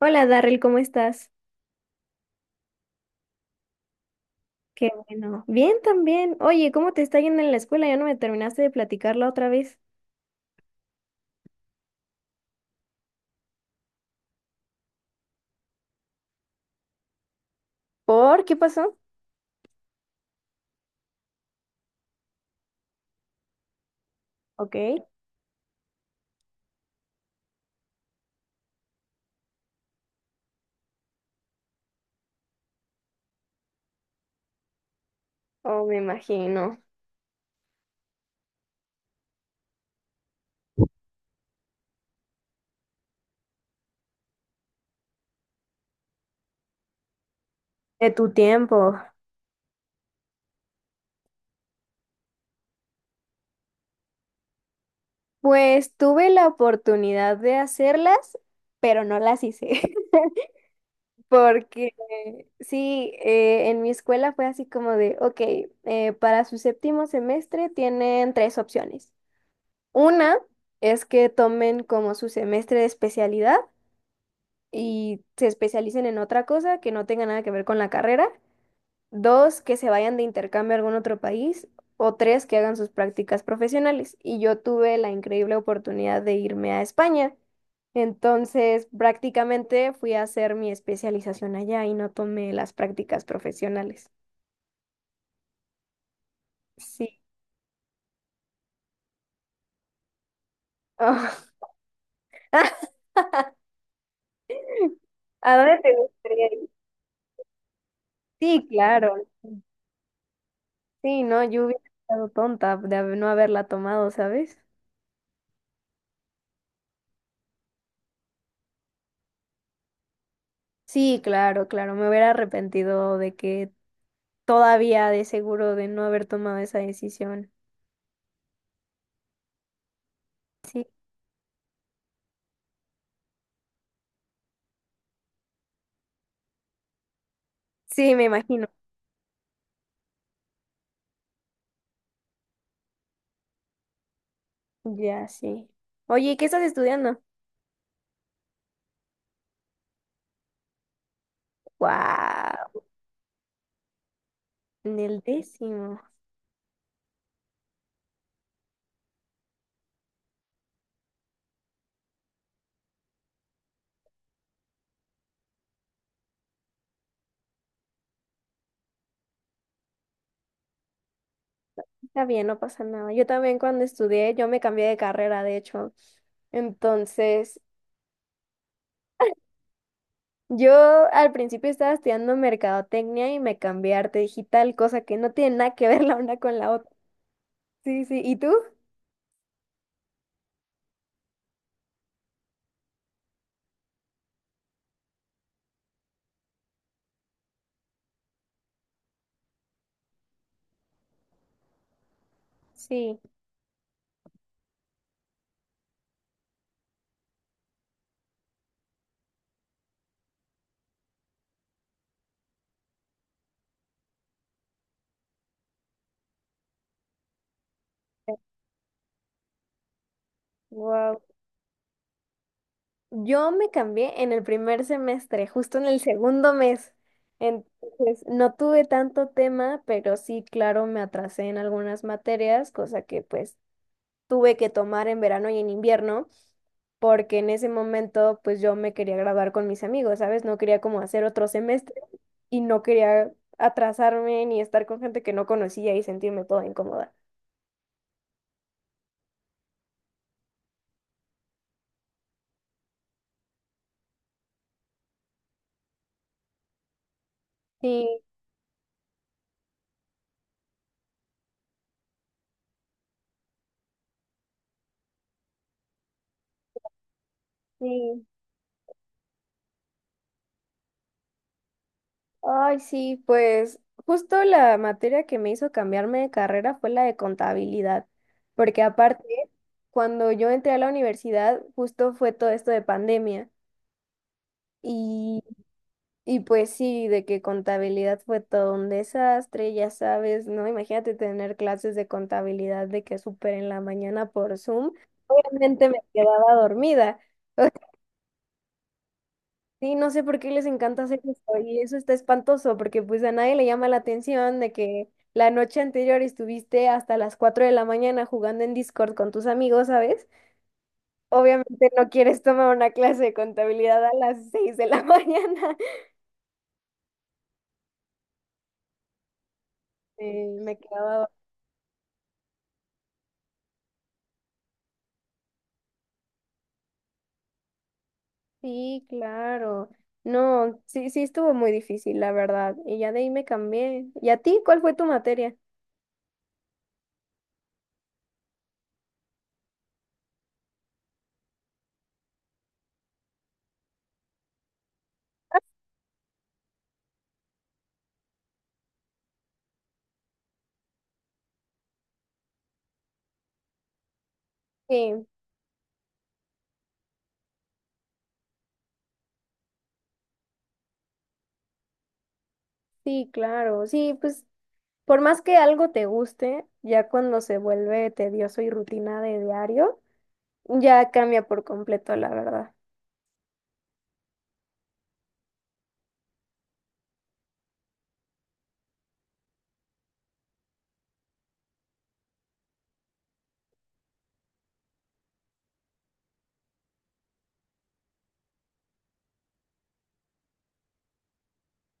Hola Darrell, ¿cómo estás? Qué bueno. Bien también. Oye, ¿cómo te está yendo en la escuela? Ya no me terminaste de platicar la otra vez. ¿Por qué pasó? Ok. Oh, me imagino. De tu tiempo. Pues tuve la oportunidad de hacerlas, pero no las hice. Porque sí, en mi escuela fue así como de, ok, para su séptimo semestre tienen tres opciones. Una es que tomen como su semestre de especialidad, y se especialicen en otra cosa que no tenga nada que ver con la carrera. Dos, que se vayan de intercambio a algún otro país. O tres, que hagan sus prácticas profesionales. Y yo tuve la increíble oportunidad de irme a España. Entonces, prácticamente fui a hacer mi especialización allá y no tomé las prácticas profesionales. Sí. Oh. ¿A dónde te gustaría ir? Sí, claro. Sí, no, yo hubiera estado tonta de no haberla tomado, ¿sabes? Sí, claro, claro, me hubiera arrepentido de que todavía de seguro de no haber tomado esa decisión. Sí, sí, me imagino. Ya, sí. Oye, ¿qué estás estudiando? Wow, en el décimo. Está bien, no pasa nada. Yo también cuando estudié, yo me cambié de carrera, de hecho. Entonces, yo al principio estaba estudiando mercadotecnia y me cambié a arte digital, cosa que no tiene nada que ver la una con la otra. Sí, sí. ¿Y tú? Sí. Wow. Yo me cambié en el primer semestre, justo en el segundo mes. Entonces, no tuve tanto tema, pero sí, claro, me atrasé en algunas materias, cosa que pues tuve que tomar en verano y en invierno, porque en ese momento pues yo me quería graduar con mis amigos, ¿sabes? No quería como hacer otro semestre y no quería atrasarme ni estar con gente que no conocía y sentirme toda incómoda. Sí, sí. Ay, sí, pues justo la materia que me hizo cambiarme de carrera fue la de contabilidad, porque aparte, cuando yo entré a la universidad, justo fue todo esto de pandemia y, y pues sí, de que contabilidad fue todo un desastre, ya sabes, ¿no? Imagínate tener clases de contabilidad de que súper en la mañana por Zoom, obviamente me quedaba dormida. Sí, no sé por qué les encanta hacer eso y eso está espantoso porque pues a nadie le llama la atención de que la noche anterior estuviste hasta las 4 de la mañana jugando en Discord con tus amigos, ¿sabes? Obviamente no quieres tomar una clase de contabilidad a las 6 de la mañana. Me quedaba... Sí, claro. No, sí, sí estuvo muy difícil, la verdad. Y ya de ahí me cambié. ¿Y a ti cuál fue tu materia? Sí, sí, claro. Sí, pues por más que algo te guste, ya cuando se vuelve tedioso y rutina de diario, ya cambia por completo, la verdad.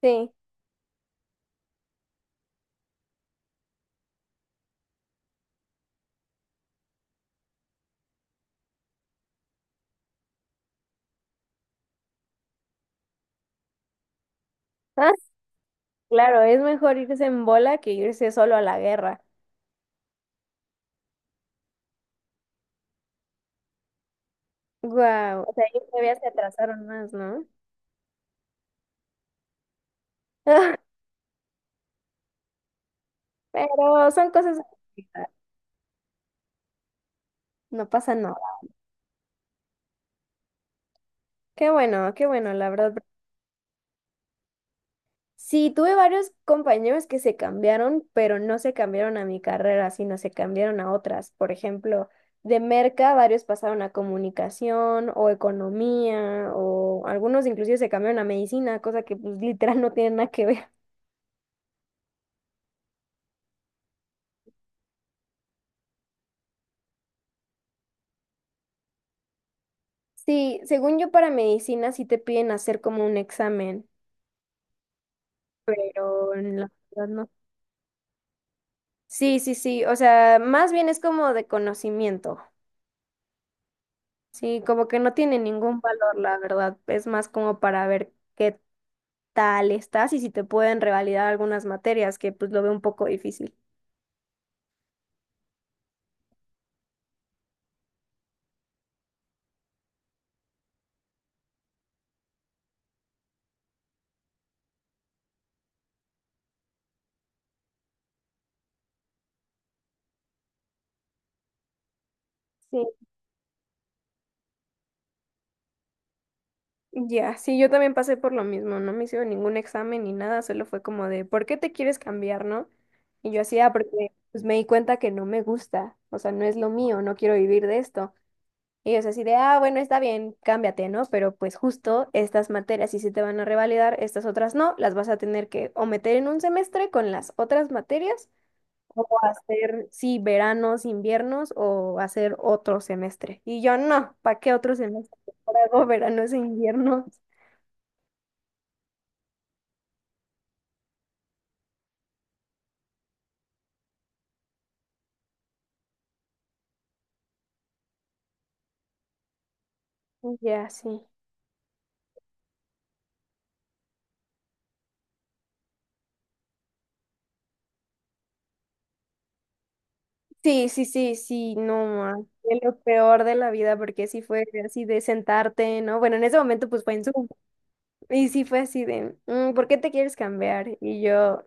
Sí. Ah, claro, es mejor irse en bola que irse solo a la guerra. Guau, o sea, ahí todavía se atrasaron más, ¿no? Pero son cosas... que no pasa nada. Qué bueno, la verdad. Sí, tuve varios compañeros que se cambiaron, pero no se cambiaron a mi carrera, sino se cambiaron a otras. Por ejemplo, de merca, varios pasaron a comunicación o economía, o algunos inclusive se cambiaron a medicina, cosa que pues literal no tiene nada que ver. Sí, según yo para medicina sí te piden hacer como un examen, pero en la verdad no. Sí, sí, sí, o sea, más bien es como de conocimiento. Sí, como que no tiene ningún valor, la verdad. Es más como para ver qué tal estás y si te pueden revalidar algunas materias, que pues lo veo un poco difícil. Sí. Ya, sí, yo también pasé por lo mismo, no me hicieron ningún examen ni nada, solo fue como de, ¿por qué te quieres cambiar, no? Y yo hacía porque pues me di cuenta que no me gusta, o sea, no es lo mío, no quiero vivir de esto. Y es así de, ah, bueno, está bien, cámbiate, ¿no? Pero pues justo estas materias sí se te van a revalidar, estas otras no, las vas a tener que o meter en un semestre con las otras materias, o hacer, sí, veranos, inviernos, o hacer otro semestre. Y yo, no, ¿para qué otro semestre? Mejor hago veranos e inviernos. Y ya, sí. Sí, sí, sí, sí, no, ma, fue lo peor de la vida, porque sí fue así de sentarte, ¿no? Bueno, en ese momento pues fue en Zoom, y sí fue así de: "Mm, ¿por qué te quieres cambiar?" Y yo: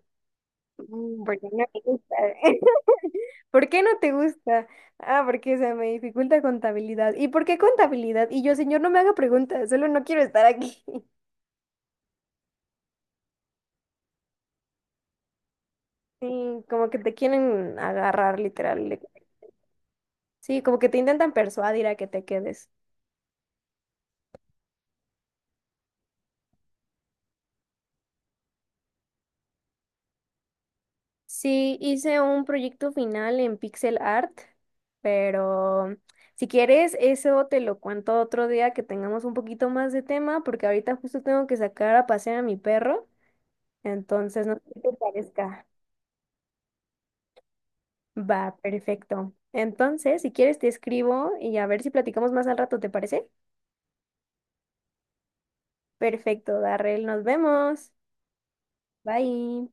"Mm, porque no me gusta." "¿Por qué no te gusta?" "Ah, porque se me dificulta contabilidad." "¿Y por qué contabilidad?" Y yo: "Señor, no me haga preguntas, solo no quiero estar aquí." Sí, como que te quieren agarrar, literal. Sí, como que te intentan persuadir a que te quedes. Sí, hice un proyecto final en pixel art, pero si quieres, eso te lo cuento otro día que tengamos un poquito más de tema, porque ahorita justo tengo que sacar a pasear a mi perro. Entonces, no sé qué te parezca. Va, perfecto. Entonces, si quieres, te escribo y a ver si platicamos más al rato, ¿te parece? Perfecto, Darrell, nos vemos. Bye.